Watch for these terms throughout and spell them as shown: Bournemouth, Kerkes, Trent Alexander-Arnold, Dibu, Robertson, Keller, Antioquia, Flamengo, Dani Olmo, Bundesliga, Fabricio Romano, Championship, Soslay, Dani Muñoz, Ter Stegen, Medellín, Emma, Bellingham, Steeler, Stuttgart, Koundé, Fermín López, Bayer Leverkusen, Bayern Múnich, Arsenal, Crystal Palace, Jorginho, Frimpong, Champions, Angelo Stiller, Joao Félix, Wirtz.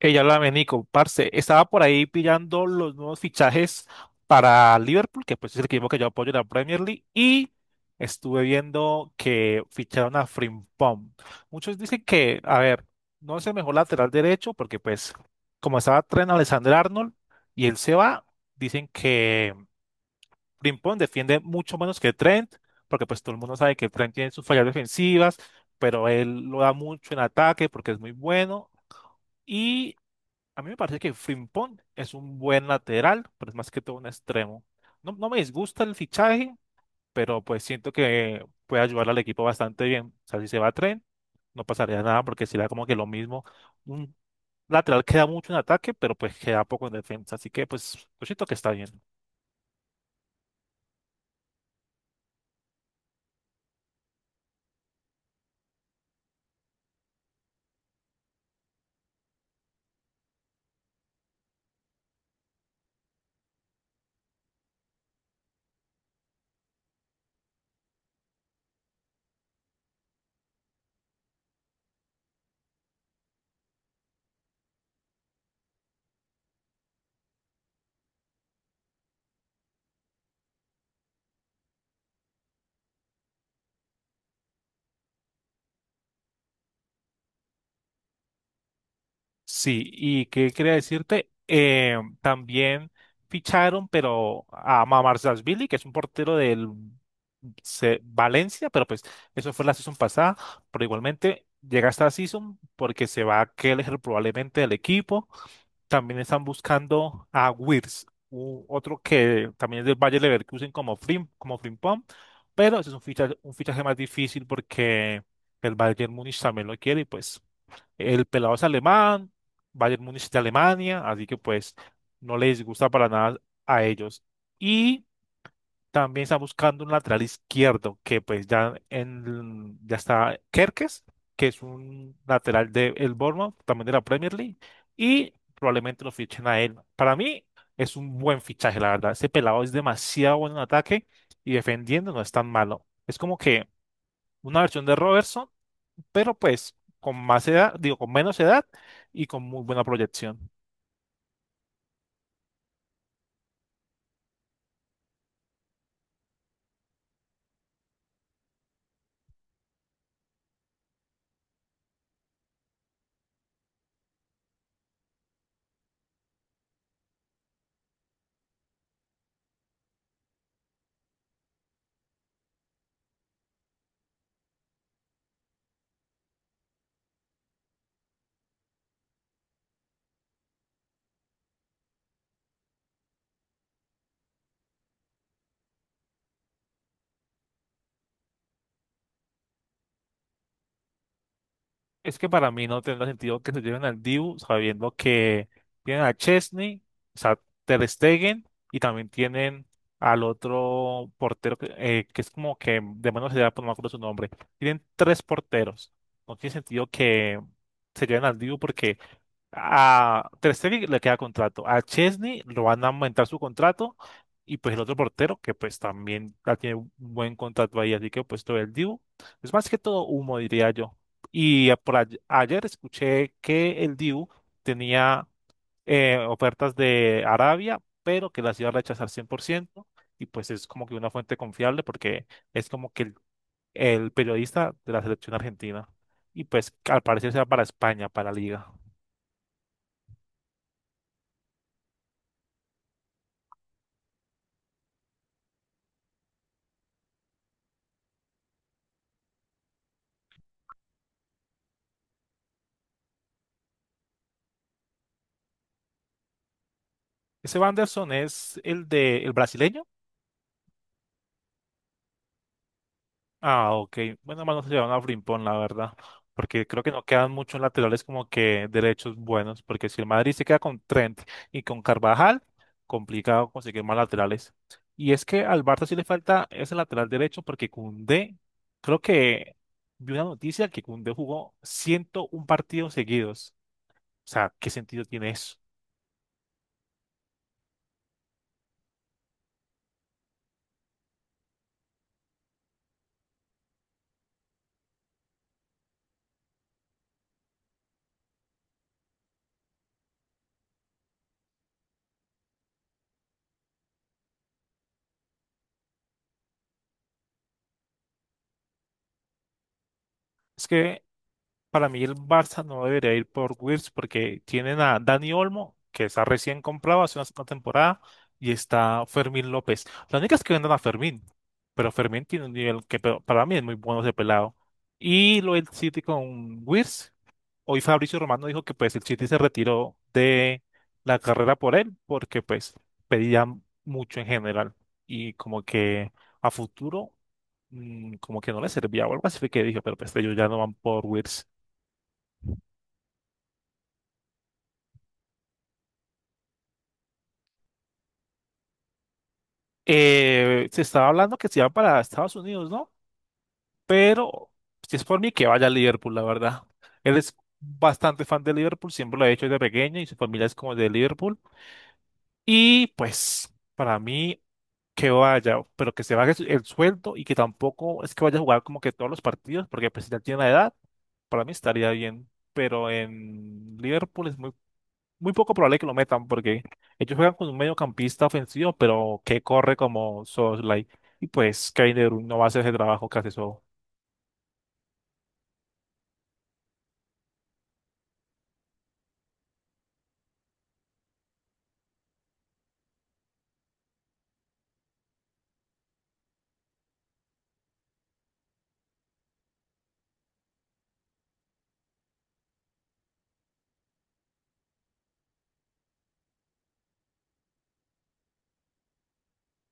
Ella, la Nico, parce, estaba por ahí pillando los nuevos fichajes para Liverpool, que pues es el equipo que yo apoyo en la Premier League, y estuve viendo que ficharon a Frimpong. Muchos dicen que, a ver, no es el mejor lateral derecho, porque pues como estaba Trent Alexander-Arnold y él se va, dicen que Frimpong defiende mucho menos que Trent, porque pues todo el mundo sabe que Trent tiene sus fallas defensivas, pero él lo da mucho en ataque porque es muy bueno. A mí me parece que Frimpong es un buen lateral, pero es más que todo un extremo. No, no me disgusta el fichaje, pero pues siento que puede ayudar al equipo bastante bien. O sea, si se va a Tren, no pasaría nada porque será como que lo mismo. Un lateral queda mucho en ataque, pero pues queda poco en defensa. Así que pues yo siento que está bien. Sí, y qué quería decirte, también ficharon, pero a Billy, que es un portero del Valencia, pero pues eso fue la season pasada, pero igualmente llega esta season porque se va a Keller probablemente del equipo. También están buscando a Wirtz, otro que también es del Bayer Leverkusen como Frimpong, pero ese es un fichaje más difícil porque el Bayern Múnich también lo quiere y pues el pelado es alemán, Bayern Múnich de Alemania, así que pues no les gusta para nada a ellos. Y también está buscando un lateral izquierdo, que pues ya, ya está Kerkes, que es un lateral de el Bournemouth, también de la Premier League, y probablemente lo fichen a él. Para mí es un buen fichaje, la verdad. Ese pelado es demasiado bueno en ataque y defendiendo no es tan malo. Es como que una versión de Robertson pero pues con más edad, digo, con menos edad y con muy buena proyección. Es que para mí no tendrá sentido que se lleven al Dibu sabiendo que tienen a Chesney, o sea, Ter Stegen y también tienen al otro portero que es como que de menos edad, pero no me acuerdo su nombre. Tienen tres porteros. No tiene sentido que se lleven al Dibu porque a Ter Stegen le queda contrato. A Chesney lo van a aumentar su contrato. Y pues el otro portero, que pues también ya tiene un buen contrato ahí, así que pues todo el Dibu. Es más que todo humo, diría yo. Y por ayer escuché que el Dibu tenía ofertas de Arabia, pero que las iba a rechazar 100%. Y pues es como que una fuente confiable porque es como que el periodista de la selección argentina. Y pues al parecer será para España, para la Liga. Ese Wanderson es el de el brasileño. Ah, ok. Bueno, más no se llevan a Frimpón, la verdad. Porque creo que no quedan muchos laterales como que derechos buenos. Porque si el Madrid se queda con Trent y con Carvajal, complicado conseguir más laterales. Y es que al Barça sí le falta ese lateral derecho porque Koundé, creo que vi una noticia que Koundé jugó 101 partidos seguidos. O sea, ¿qué sentido tiene eso? Es que para mí el Barça no debería ir por Wirtz porque tienen a Dani Olmo, que está recién comprado hace una temporada, y está Fermín López. La única es que vendan a Fermín, pero Fermín tiene un nivel que para mí es muy bueno ese pelado. Y lo del City con Wirtz, hoy Fabricio Romano dijo que pues el City se retiró de la carrera por él porque pues pedía mucho en general y como que a futuro, como que no le servía o algo así fue que dijo, pero pues ellos ya no van por Wirtz. Se estaba hablando que se iba para Estados Unidos, ¿no? Pero si es por mí, que vaya a Liverpool, la verdad. Él es bastante fan de Liverpool, siempre lo ha hecho desde pequeño y su familia es como de Liverpool. Y pues, para mí, que vaya, pero que se baje el sueldo y que tampoco es que vaya a jugar como que todos los partidos, porque pues si ya tiene la edad, para mí estaría bien. Pero en Liverpool es muy muy poco probable que lo metan porque ellos juegan con un mediocampista ofensivo, pero que corre como Soslay. Y pues Kevin De Bruyne no va a hacer ese trabajo que hace eso.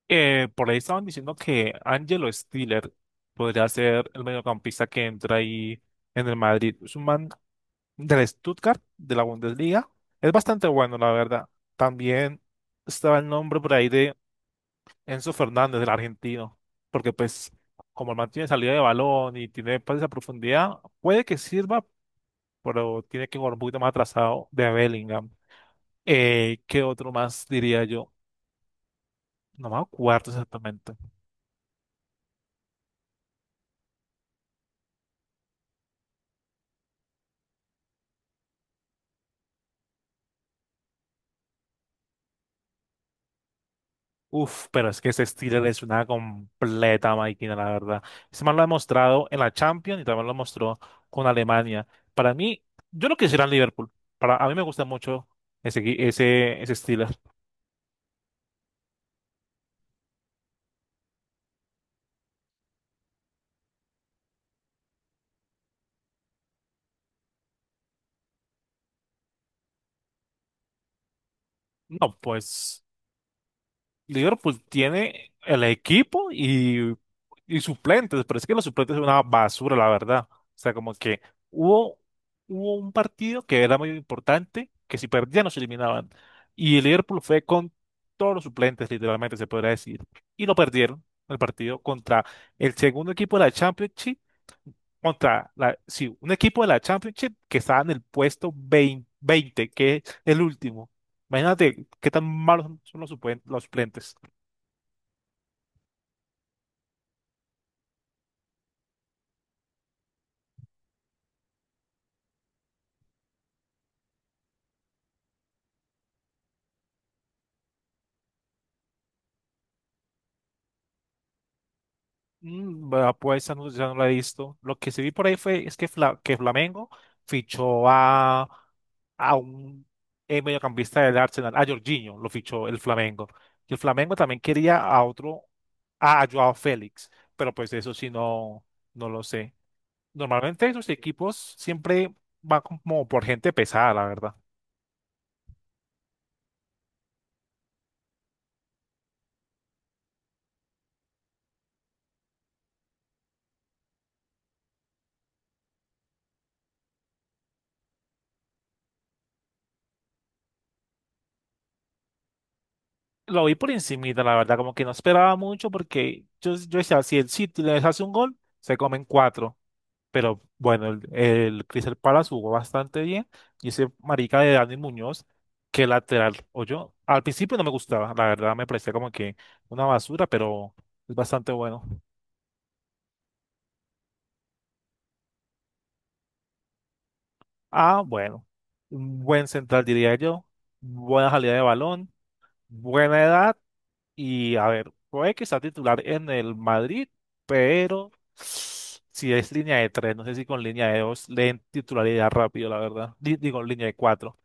Por ahí estaban diciendo que Angelo Stiller podría ser el mediocampista que entra ahí en el Madrid. Es un man del Stuttgart, de la Bundesliga. Es bastante bueno, la verdad. También estaba el nombre por ahí de Enzo Fernández, del argentino, porque pues como el man tiene salida de balón y tiene pases a profundidad, puede que sirva, pero tiene que jugar un poquito más atrasado de Bellingham. ¿Qué otro más diría yo? No me acuerdo exactamente. Uf, pero es que ese Steeler es una completa máquina, la verdad. Ese man lo ha demostrado en la Champions y también lo mostró con Alemania. Para mí, yo lo quisiera en Liverpool. A mí me gusta mucho ese Steeler. No, pues Liverpool tiene el equipo y suplentes, pero es que los suplentes son una basura, la verdad. O sea, como que hubo, hubo un partido que era muy importante, que si perdían nos eliminaban. Y el Liverpool fue con todos los suplentes, literalmente se podría decir. Y lo perdieron el partido contra el segundo equipo de la Championship, contra sí, un equipo de la Championship que estaba en el puesto 20, 20, que es el último. Imagínate qué tan malos son los los suplentes. Bueno, pues esa no, ya no la he visto. Lo que sí vi por ahí fue es que, que Flamengo fichó a un mediocampista del Arsenal, a Jorginho, lo fichó el Flamengo. Y el Flamengo también quería a otro, a Joao Félix, pero pues eso sí no, no lo sé. Normalmente esos equipos siempre van como por gente pesada, la verdad. Lo vi por encimita, la verdad, como que no esperaba mucho porque yo decía, si el City les hace un gol, se comen cuatro. Pero bueno, el Crystal Palace jugó bastante bien. Y ese marica de Dani Muñoz, que lateral, o yo, al principio no me gustaba, la verdad me parecía como que una basura, pero es bastante bueno. Ah, bueno, un buen central diría yo, buena salida de balón, buena edad y a ver, puede que sea titular en el Madrid, pero si es línea de tres, no sé si con línea de dos leen titularidad rápido, la verdad. Digo, línea de cuatro.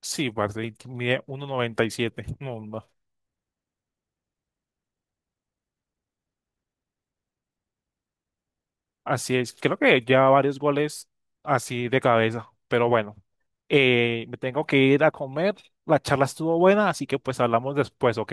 Sí, Barley mide 1.97. No, no. Así es. Creo que ya varios goles así de cabeza. Pero bueno, me tengo que ir a comer. La charla estuvo buena, así que pues hablamos después, ¿ok?